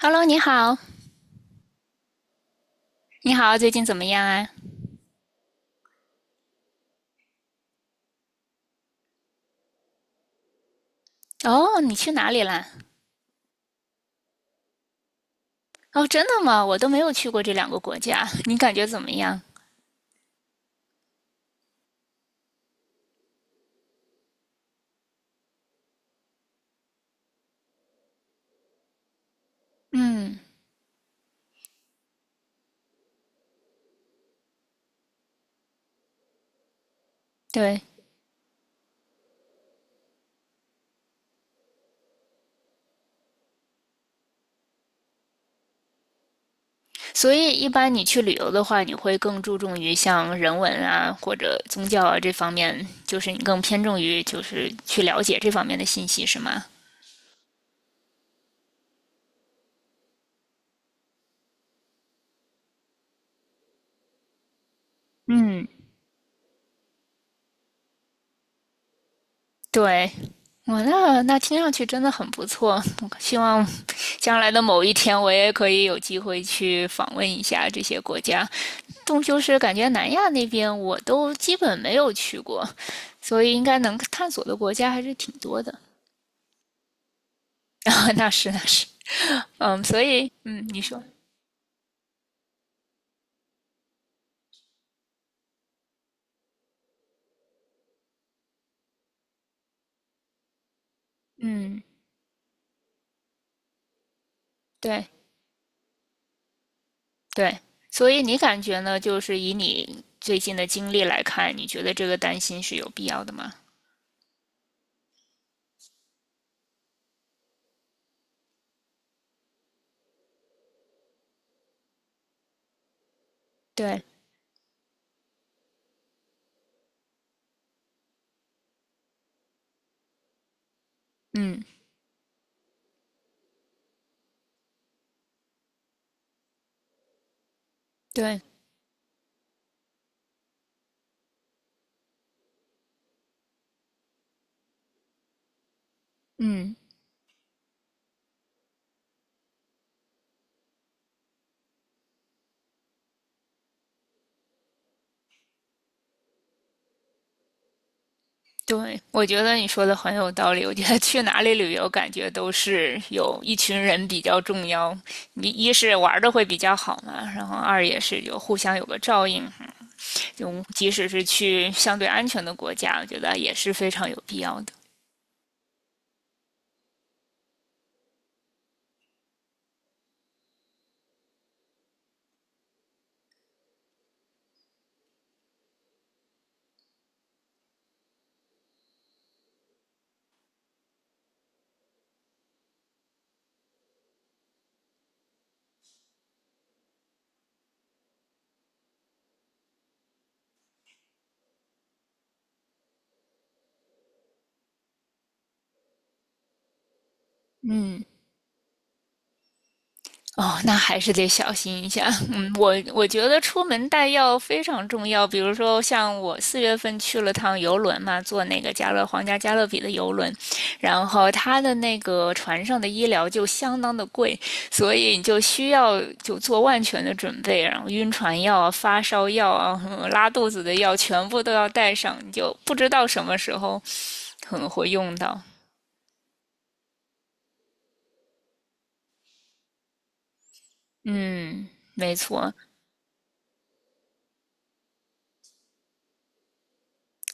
Hello，你好，你好，最近怎么样啊？哦，你去哪里啦？哦，真的吗？我都没有去过这两个国家，你感觉怎么样？嗯，对，所以一般你去旅游的话，你会更注重于像人文啊或者宗教啊这方面，就是你更偏重于就是去了解这方面的信息，是吗？嗯，对，我那听上去真的很不错，我希望将来的某一天我也可以有机会去访问一下这些国家。终究是感觉南亚那边我都基本没有去过，所以应该能探索的国家还是挺多的。那是那是，嗯，所以嗯，你说，嗯，对对，所以你感觉呢？就是以你最近的经历来看，你觉得这个担心是有必要的吗？对，嗯，对，嗯。对，我觉得你说的很有道理。我觉得去哪里旅游，感觉都是有一群人比较重要。你一是玩的会比较好嘛，然后二也是有互相有个照应。就即使是去相对安全的国家，我觉得也是非常有必要的。嗯，哦，那还是得小心一下。嗯，我觉得出门带药非常重要。比如说，像我四月份去了趟游轮嘛，坐那个加勒皇家加勒比的游轮，然后他的那个船上的医疗就相当的贵，所以你就需要就做万全的准备，然后晕船药啊、发烧药啊、拉肚子的药全部都要带上，你就不知道什么时候可能会用到。嗯，没错。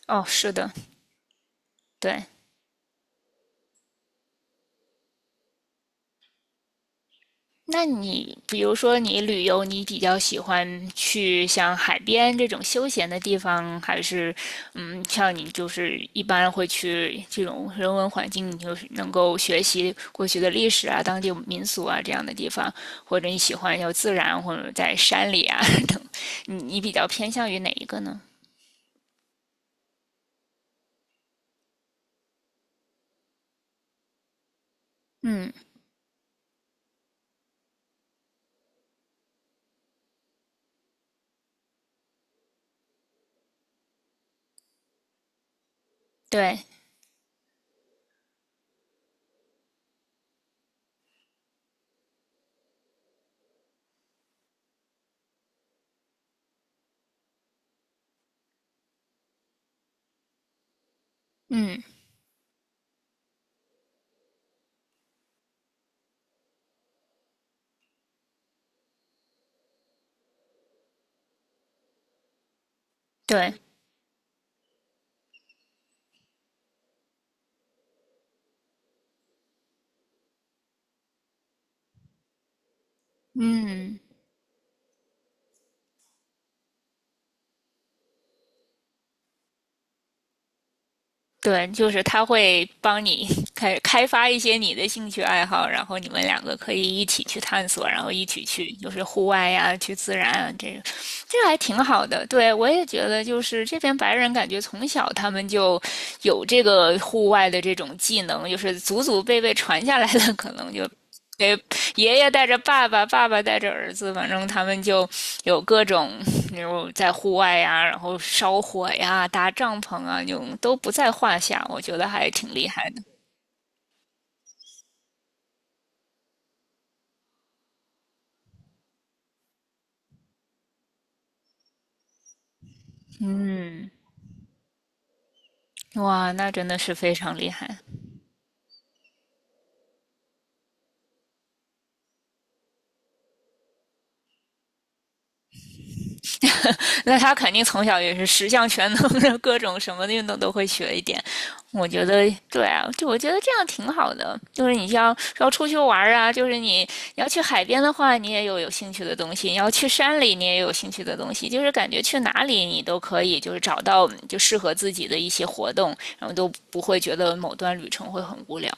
哦，是的，对。那你比如说你旅游，你比较喜欢去像海边这种休闲的地方，还是嗯，像你就是一般会去这种人文环境，你就是能够学习过去的历史啊、当地民俗啊这样的地方，或者你喜欢要自然，或者在山里啊 等，你比较偏向于哪一个呢？嗯，对，嗯，对，嗯。对，就是他会帮你 开发一些你的兴趣爱好，然后你们两个可以一起去探索，然后一起去就是户外呀、去自然啊，这个还挺好的。对我也觉得，就是这边白人感觉从小他们就有这个户外的这种技能，就是祖祖辈辈传下来的，可能就给爷爷带着爸爸，爸爸带着儿子，反正他们就有各种，比如在户外呀，然后烧火呀、搭帐篷啊，就都不在话下。我觉得还挺厉害的。嗯，哇，那真的是非常厉害。那他肯定从小也是十项全能的，各种什么运动都会学一点。我觉得对啊，就我觉得这样挺好的。就是你要出去玩啊，就是你要去海边的话，你也有兴趣的东西；你要去山里，你也有兴趣的东西。就是感觉去哪里你都可以，就是找到适合自己的一些活动，然后都不会觉得某段旅程会很无聊。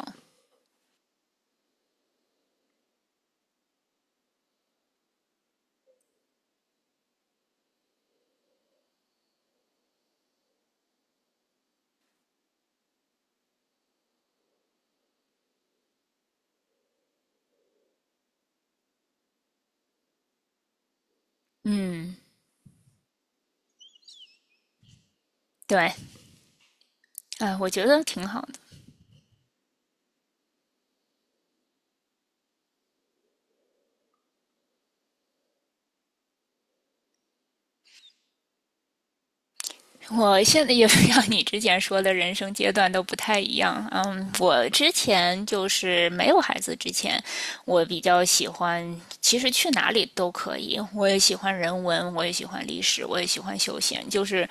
嗯，对，哎，我觉得挺好 我现在也是像你之前说的，人生阶段都不太一样。嗯，我之前就是没有孩子之前，我比较喜欢，其实去哪里都可以。我也喜欢人文，我也喜欢历史，我也喜欢休闲，就是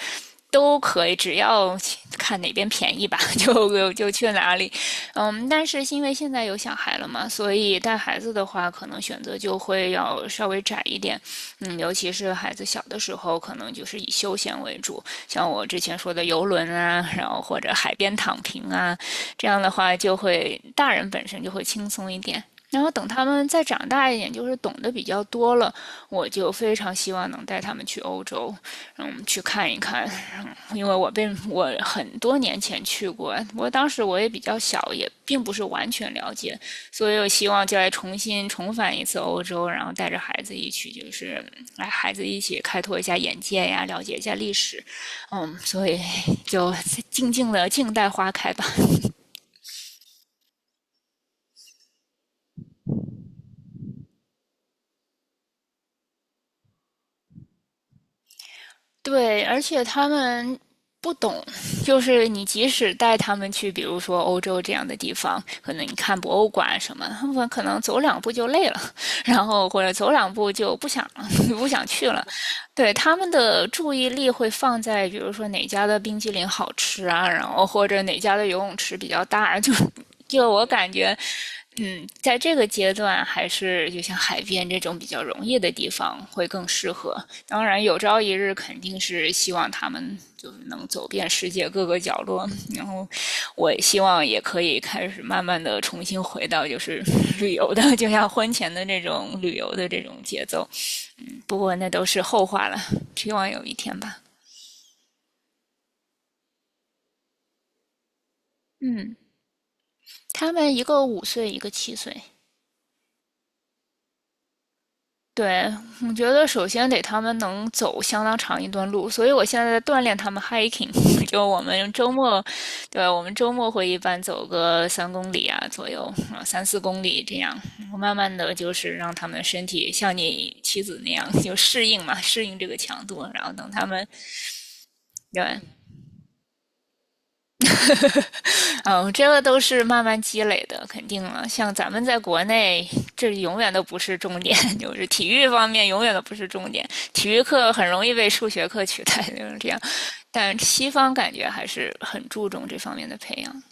都可以，只要看哪边便宜吧，就去哪里。嗯，但是因为现在有小孩了嘛，所以带孩子的话，可能选择就会要稍微窄一点。嗯，尤其是孩子小的时候，可能就是以休闲为主，像我之前说的游轮啊，然后或者海边躺平啊，这样的话就会大人本身就会轻松一点。然后等他们再长大一点，就是懂得比较多了，我就非常希望能带他们去欧洲，嗯，去看一看，因为我很多年前去过，我当时也比较小，也并不是完全了解，所以我希望就来重新重返一次欧洲，然后带着孩子一起，就是来孩子一起开拓一下眼界呀，了解一下历史，嗯，所以就静静的静待花开吧。对，而且他们不懂，就是你即使带他们去，比如说欧洲这样的地方，可能你看博物馆什么，他们可能走两步就累了，然后或者走两步就不想了 不想去了。对，他们的注意力会放在，比如说哪家的冰激凌好吃啊，然后或者哪家的游泳池比较大，就我感觉。嗯，在这个阶段，还是就像海边这种比较容易的地方会更适合。当然，有朝一日肯定是希望他们就是能走遍世界各个角落，然后我希望也可以开始慢慢的重新回到就是旅游的，就像婚前的那种旅游的这种节奏。不过那都是后话了，希望有一天吧。嗯，他们一个5岁，一个7岁，对，我觉得首先得他们能走相当长一段路，所以我现在在锻炼他们 hiking，就我们周末，对我们周末会一般走个3公里啊左右，啊3、4公里这样，我慢慢的就是让他们身体像你妻子那样就适应嘛，适应这个强度，然后等他们对嗯，这个都是慢慢积累的，肯定了。像咱们在国内，这永远都不是重点，就是体育方面永远都不是重点。体育课很容易被数学课取代，就是这样。但西方感觉还是很注重这方面的培养。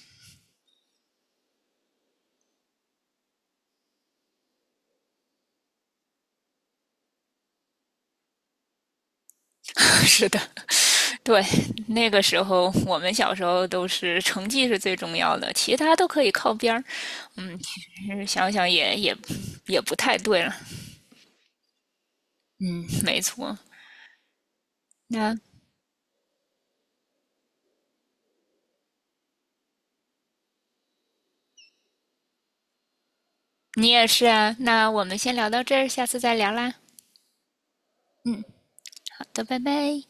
是的，对，那个时候我们小时候都是成绩是最重要的，其他都可以靠边儿。嗯，其实想想也也不太对了。嗯，没错。那你也是啊，那我们先聊到这儿，下次再聊啦。好的，拜拜。